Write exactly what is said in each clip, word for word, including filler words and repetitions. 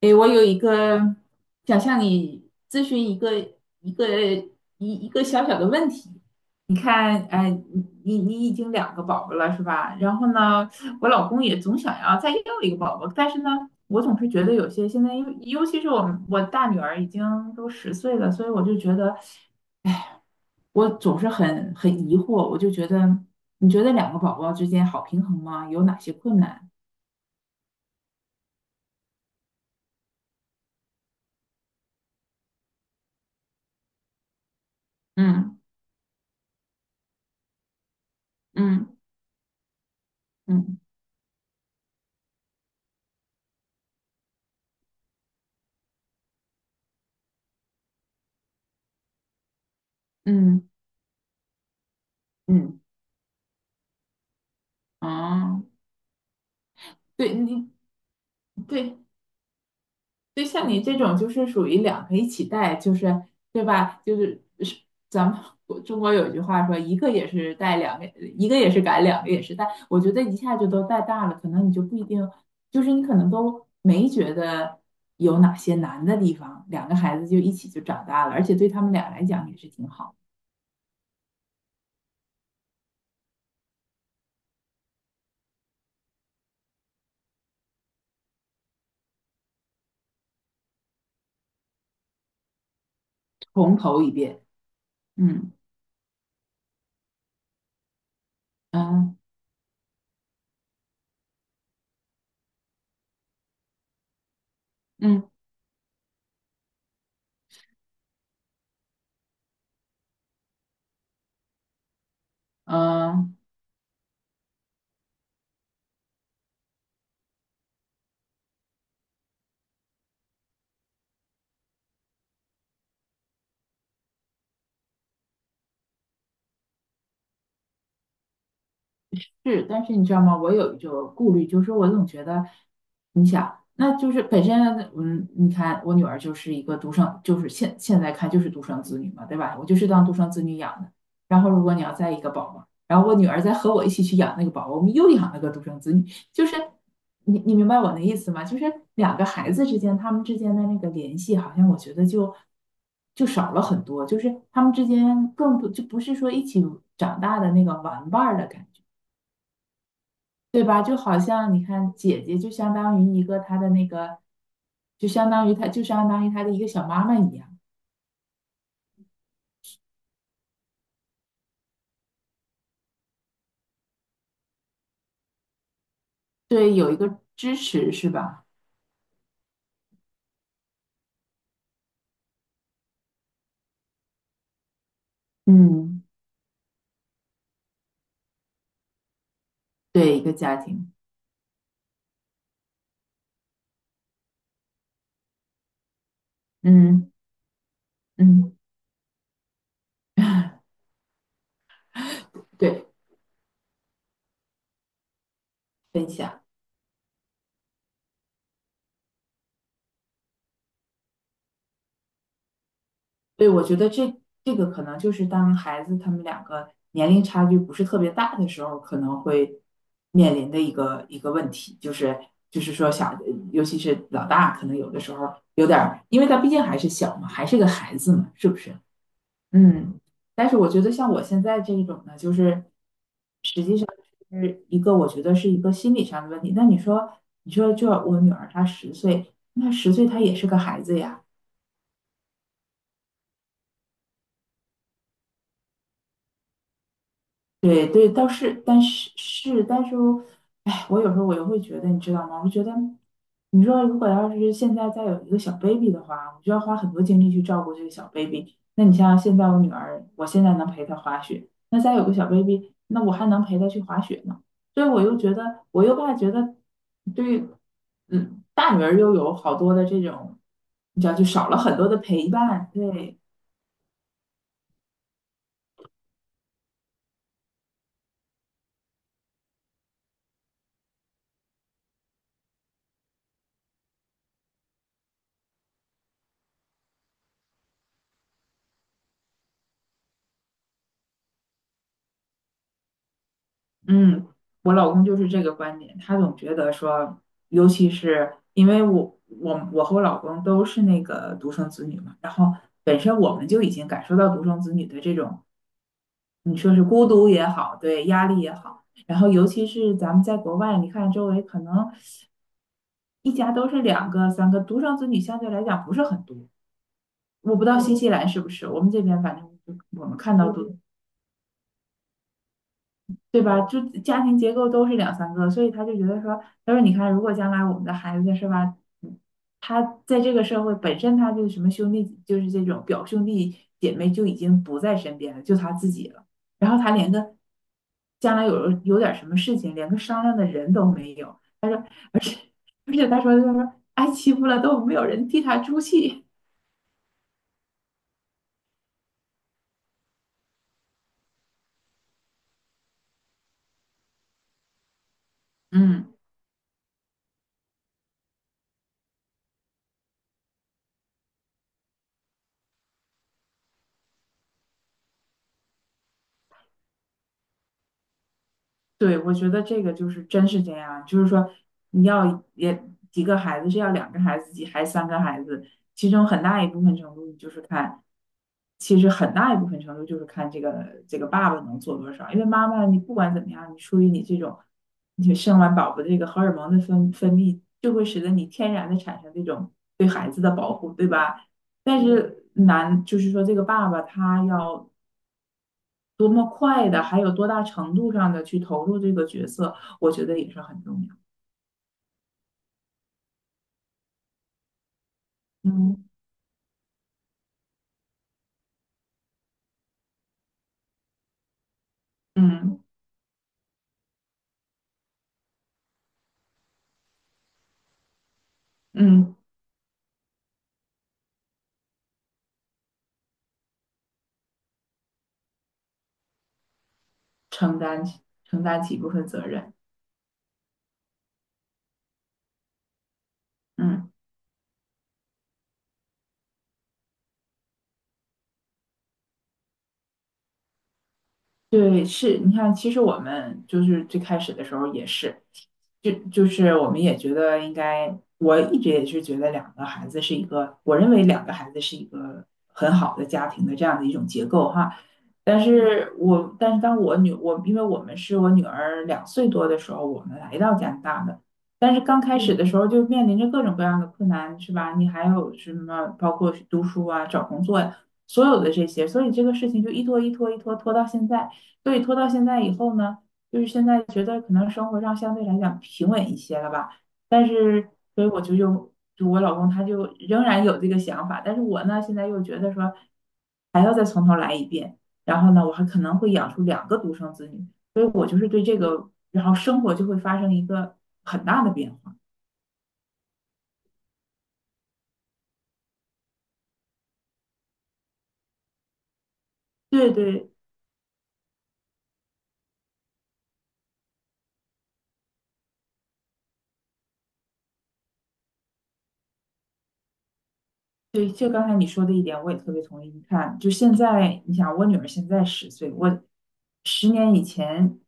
诶，我有一个想向你咨询一个一个一一个小小的问题。你看，哎，你你你已经两个宝宝了是吧？然后呢，我老公也总想要再要一个宝宝，但是呢，我总是觉得有些现在尤尤其是我们我大女儿已经都十岁了，所以我就觉得，哎，我总是很很疑惑，我就觉得，你觉得两个宝宝之间好平衡吗？有哪些困难？嗯嗯嗯嗯嗯。啊，对你对对，像你这种就是属于两个一起带，就是对吧？就是是咱们国中国有句话说，一个也是带，两个一个也是赶，两个也是带。我觉得一下就都带大了，可能你就不一定，就是你可能都没觉得有哪些难的地方，两个孩子就一起就长大了，而且对他们俩来讲也是挺好，重头一遍。嗯嗯嗯嗯。是，但是你知道吗？我有一种顾虑，就是说我总觉得，你想，那就是本身，嗯，你看我女儿就是一个独生，就是现现在看就是独生子女嘛，对吧？我就是当独生子女养的。然后如果你要再一个宝宝，然后我女儿再和我一起去养那个宝宝，我们又养了个独生子女，就是你你明白我的意思吗？就是两个孩子之间，他们之间的那个联系，好像我觉得就就少了很多，就是他们之间更多，就不是说一起长大的那个玩伴儿的感觉。对吧？就好像你看，姐姐就相当于一个她的那个，就相当于她，就相当于她的一个小妈妈一样，对，有一个支持是吧？嗯，对，一个家庭，嗯嗯，对，分享，对，我觉得这这个可能就是当孩子他们两个年龄差距不是特别大的时候，可能会面临的一个一个问题，就是就是说小，尤其是老大，可能有的时候有点儿，因为他毕竟还是小嘛，还是个孩子嘛，是不是？嗯，但是我觉得像我现在这一种呢，就是是一个我觉得是一个心理上的问题。那你说，你说就我女儿她十岁，那十岁她也是个孩子呀。对对，倒是，但是是，但是我，哎，我有时候我又会觉得，你知道吗？我觉得，你说如果要是现在再有一个小 baby 的话，我就要花很多精力去照顾这个小 baby。那你像现在我女儿，我现在能陪她滑雪，那再有个小 baby,那我还能陪她去滑雪呢。所以我又觉得，我又怕觉得，对，嗯，大女儿又有好多的这种，你知道，就少了很多的陪伴。对，嗯，我老公就是这个观点，他总觉得说，尤其是因为我我我和我老公都是那个独生子女嘛，然后本身我们就已经感受到独生子女的这种，你说是孤独也好，对，压力也好，然后尤其是咱们在国外，你看周围可能一家都是两个、三个，独生子女相对来讲不是很多，我不知道新西兰是不是，我们这边反正就我们看到独对吧？就家庭结构都是两三个，所以他就觉得说，他说你看，如果将来我们的孩子是吧，嗯他在这个社会本身他就什么兄弟，就是这种表兄弟姐妹就已经不在身边了，就他自己了，然后他连个将来有有点什么事情，连个商量的人都没有，而且他说他说挨欺负了都没有人替他出气，嗯。对，我觉得这个就是真是这样，就是说你要也几个孩子，是要两个孩子，几还三个孩子，其中很大一部分程度就是看，其实很大一部分程度就是看这个这个爸爸能做多少，因为妈妈你不管怎么样，你出于你这种，你生完宝宝这个荷尔蒙的分分泌，就会使得你天然的产生这种对孩子的保护，对吧？但是男就是说这个爸爸他要多么快的，还有多大程度上的去投入这个角色，我觉得也是很重要。嗯嗯嗯，承担起承担起一部分责任。嗯，对，是你看，其实我们就是最开始的时候也是，就就是我们也觉得应该，我一直也是觉得两个孩子是一个，我认为两个孩子是一个很好的家庭的这样的一种结构哈。但是我但是当我女我因为我们是我女儿两岁多的时候，我们来到加拿大的。但是刚开始嗯的时候就面临着各种各样的困难，是吧？你还有什么包括读书啊、找工作呀、所有的这些，所以这个事情就一拖一拖一拖拖到现在。所以拖到现在以后呢，就是现在觉得可能生活上相对来讲平稳一些了吧。但是，所以我就又就我老公他就仍然有这个想法，但是我呢现在又觉得说还要再从头来一遍。然后呢，我还可能会养出两个独生子女，所以我就是对这个，然后生活就会发生一个很大的变化。对对，对，就刚才你说的一点，我也特别同意。你看，就现在，你想，我女儿现在十岁，我十年以前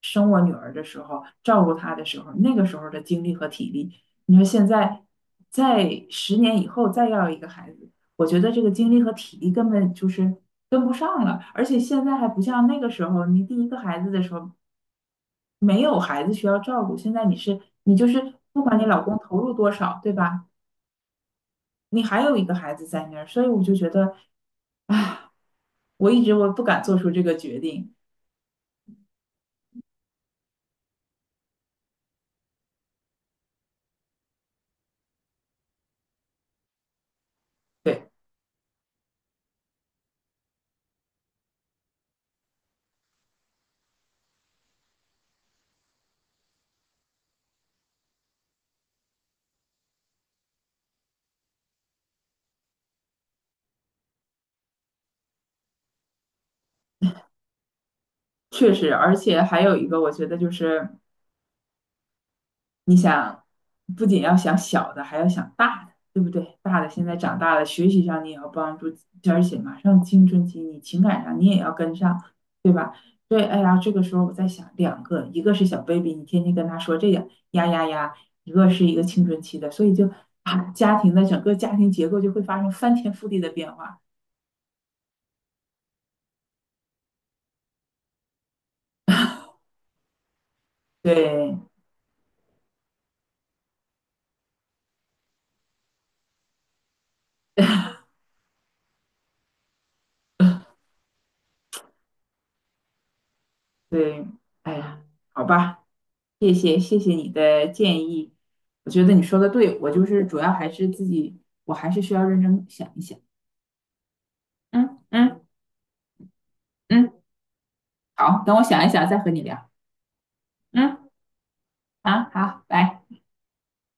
生我女儿的时候，照顾她的时候，那个时候的精力和体力，你说现在，在十年以后再要一个孩子，我觉得这个精力和体力根本就是跟不上了。而且现在还不像那个时候，你第一个孩子的时候，没有孩子需要照顾，现在你是你就是不管你老公投入多少，对吧？你还有一个孩子在那儿，所以我就觉得，哎，我一直我不敢做出这个决定。对，确实，而且还有一个，我觉得就是你想，不仅要想小的，还要想大的，对不对？大的现在长大了，学习上你也要帮助，而且马上青春期，你情感上你也要跟上，对吧？所以，哎呀，这个时候我在想，两个，一个是小 baby,你天天跟他说这个呀呀呀，一个是一个青春期的，所以就啊，家庭的整个家庭结构就会发生翻天覆地的变化。对对，哎呀，好吧，谢谢谢谢你的建议，我觉得你说的对，我就是主要还是自己，我还是需要认真想一想。嗯嗯嗯，好，等我想一想再和你聊。嗯，好好，拜。